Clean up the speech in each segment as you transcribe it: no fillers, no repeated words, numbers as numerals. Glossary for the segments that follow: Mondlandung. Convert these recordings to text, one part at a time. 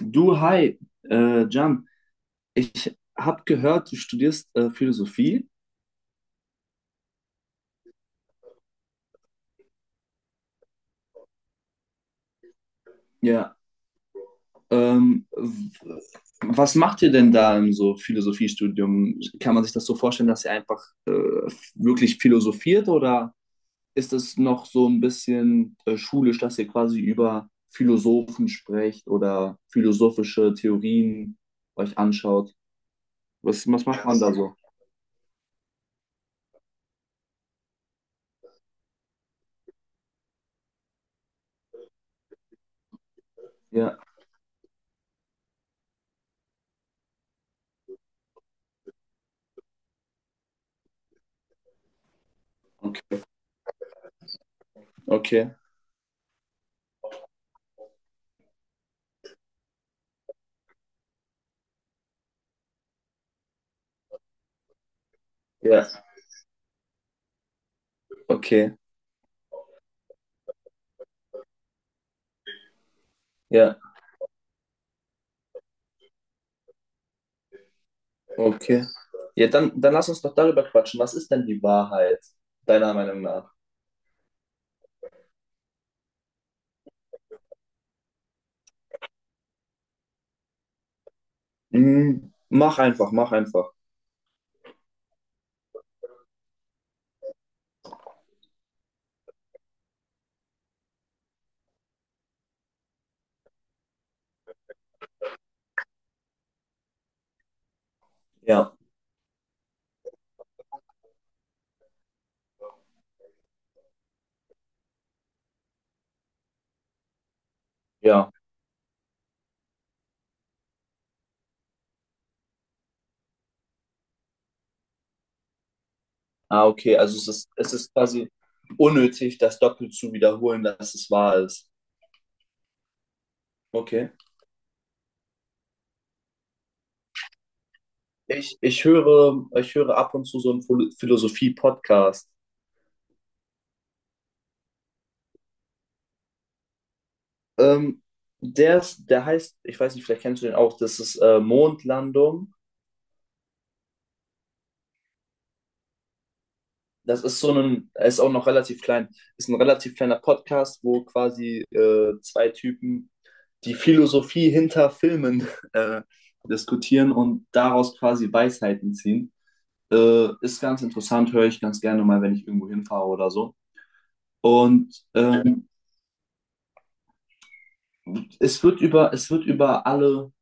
Du, hi, Jan, ich habe gehört, du studierst Philosophie. Ja. Ähm, w- Was macht ihr denn da im so Philosophiestudium? Kann man sich das so vorstellen, dass ihr einfach wirklich philosophiert oder ist es noch so ein bisschen schulisch, dass ihr quasi über Philosophen sprecht oder philosophische Theorien euch anschaut? Was macht man da so? Ja, okay, okay, ja, okay, ja. Okay. Ja, dann lass uns doch darüber quatschen. Was ist denn die Wahrheit, deiner Meinung nach? Hm, mach einfach, mach einfach. Ja, ja. Ah, okay. Also es ist quasi unnötig, das doppelt zu wiederholen, dass es wahr ist. Okay. Ich höre, ich höre ab und zu so einen Philosophie-Podcast. Ähm, der ist, der heißt, ich weiß nicht, vielleicht kennst du den auch, das ist Mondlandung. Das ist so ein, er ist auch noch relativ klein, ist ein relativ kleiner Podcast, wo quasi zwei Typen die Philosophie hinter Filmen äh, diskutieren und daraus quasi Weisheiten ziehen. Ist ganz interessant, höre ich ganz gerne mal, wenn ich irgendwo hinfahre oder so. Und es wird über alle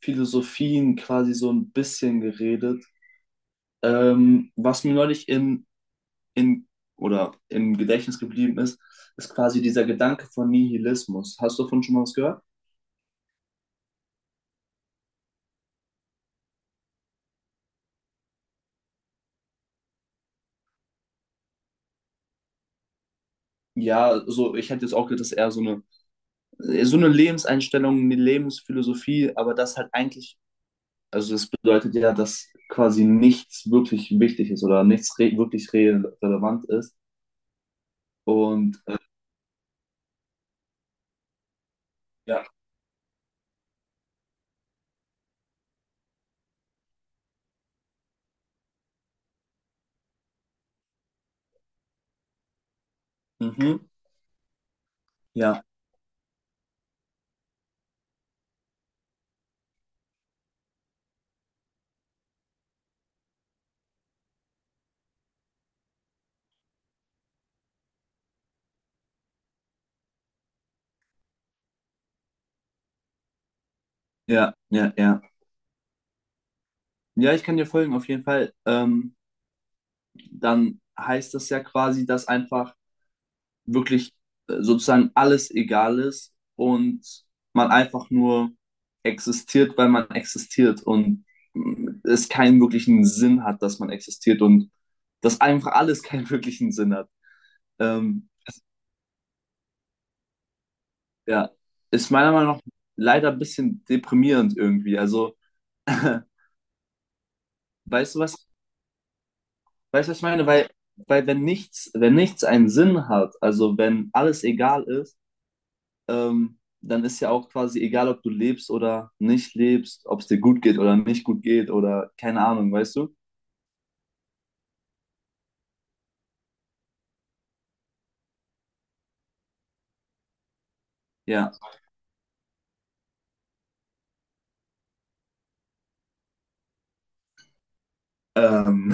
Philosophien quasi so ein bisschen geredet. Was mir neulich in oder im Gedächtnis geblieben ist, ist quasi dieser Gedanke von Nihilismus. Hast du davon schon mal was gehört? Ja, so, ich hätte jetzt auch gedacht, das ist eher so eine Lebenseinstellung, eine Lebensphilosophie, aber das halt eigentlich, also das bedeutet ja, dass quasi nichts wirklich wichtig ist oder nichts re wirklich re relevant ist. Und ja, mhm. Ja, ja, ja, ja. Ja, ich kann dir folgen, auf jeden Fall. Dann heißt das ja quasi, dass einfach wirklich sozusagen alles egal ist und man einfach nur existiert, weil man existiert und mh, es keinen wirklichen Sinn hat, dass man existiert und dass einfach alles keinen wirklichen Sinn hat. Ähm, ja, ist meiner Meinung nach leider ein bisschen deprimierend irgendwie. Also, weißt du was, weißt du, was ich meine? Weil, weil wenn nichts, wenn nichts einen Sinn hat, also wenn alles egal ist, dann ist ja auch quasi egal, ob du lebst oder nicht lebst, ob es dir gut geht oder nicht gut geht oder keine Ahnung, weißt du? Ja. Ähm,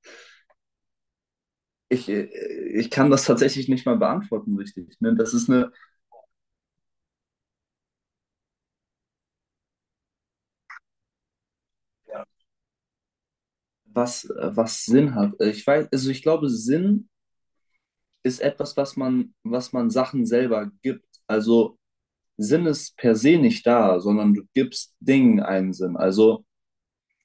ich, äh, ich kann das tatsächlich nicht mal beantworten, richtig. Ne? Das ist eine, was Sinn hat. Ich weiß, also ich glaube, Sinn ist etwas, was man Sachen selber gibt. Also Sinn ist per se nicht da, sondern du gibst Dingen einen Sinn. Also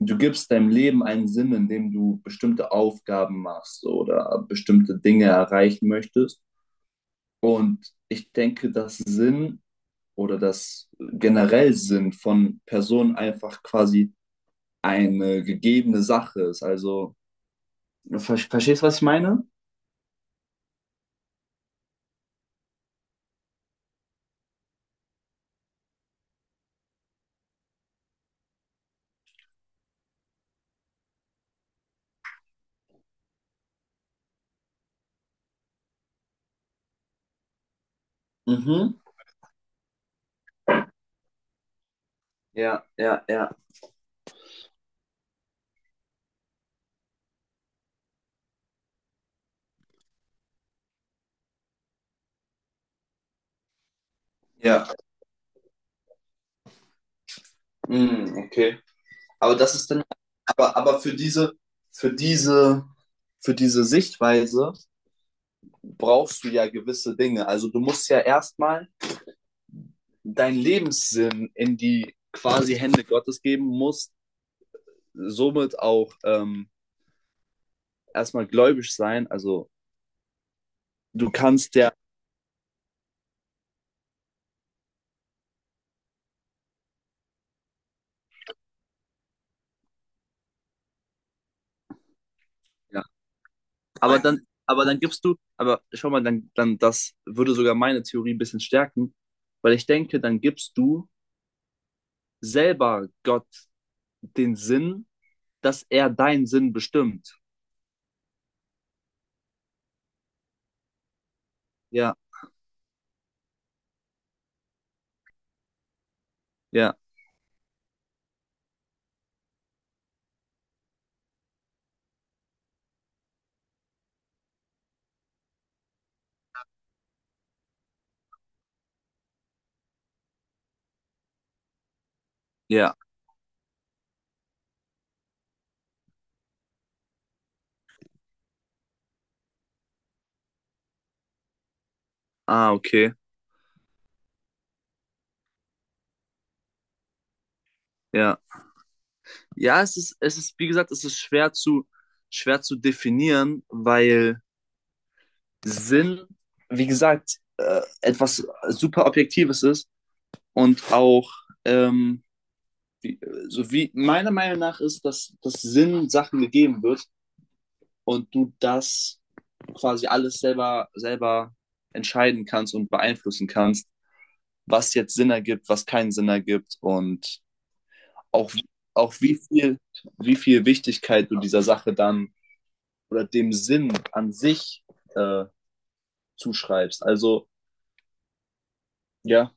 du gibst deinem Leben einen Sinn, indem du bestimmte Aufgaben machst oder bestimmte Dinge erreichen möchtest. Und ich denke, dass Sinn oder das generell Sinn von Personen einfach quasi eine gegebene Sache ist. Also, verstehst du, was ich meine? Mhm. Ja, ja, ja. Ja, mhm, okay. Aber das ist dann, aber für diese, für diese, für diese Sichtweise brauchst du ja gewisse Dinge. Also du musst ja erstmal deinen Lebenssinn in die quasi Hände Gottes geben musst, somit auch erstmal gläubig sein. Also du kannst ja, ja. Aber dann, aber dann gibst du, aber schau mal, dann, dann das würde sogar meine Theorie ein bisschen stärken, weil ich denke, dann gibst du selber Gott den Sinn, dass er deinen Sinn bestimmt. Ja, ja, ja. Ah, okay. Ja. Ja, es ist, wie gesagt, es ist schwer zu definieren, weil Sinn, wie gesagt, etwas super Objektives ist und auch, ähm, wie, so wie meiner Meinung nach ist, dass Sinn Sachen gegeben wird und du das quasi alles selber, selber entscheiden kannst und beeinflussen kannst, was jetzt Sinn ergibt, was keinen Sinn ergibt und auch, auch wie viel Wichtigkeit du dieser Sache dann oder dem Sinn an sich äh, zuschreibst. Also, ja.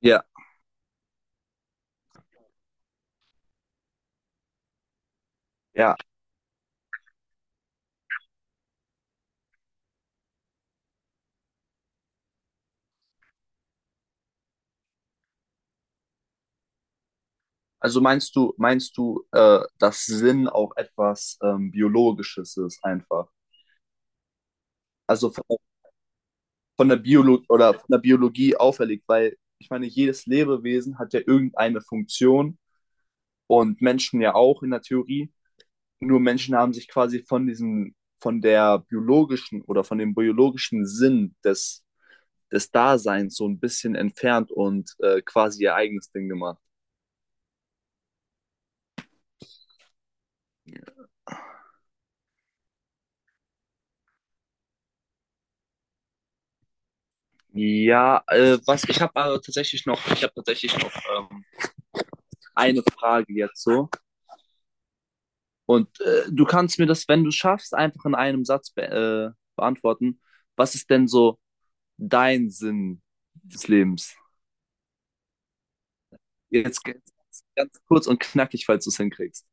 Ja, ja, also meinst du, dass Sinn auch etwas Biologisches ist einfach? Also von der Biolo oder von der Biologie auferlegt, weil ich meine, jedes Lebewesen hat ja irgendeine Funktion und Menschen ja auch in der Theorie. Nur Menschen haben sich quasi von diesem, von der biologischen oder von dem biologischen Sinn des, des Daseins so ein bisschen entfernt und quasi ihr eigenes Ding gemacht. Ja, was ich habe aber tatsächlich noch, ich habe tatsächlich noch eine Frage jetzt so. Und du kannst mir das, wenn du schaffst, einfach in einem Satz be beantworten. Was ist denn so dein Sinn des Lebens? Jetzt geht's ganz kurz und knackig, falls du es hinkriegst.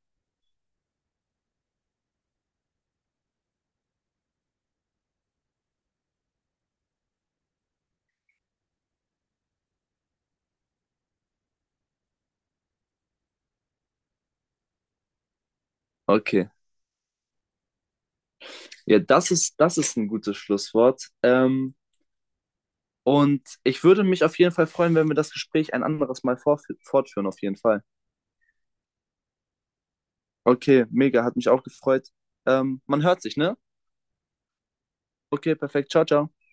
Okay. Ja, das ist ein gutes Schlusswort. Und ich würde mich auf jeden Fall freuen, wenn wir das Gespräch ein anderes Mal fortführen, auf jeden Fall. Okay, mega, hat mich auch gefreut. Man hört sich, ne? Okay, perfekt. Ciao, ciao.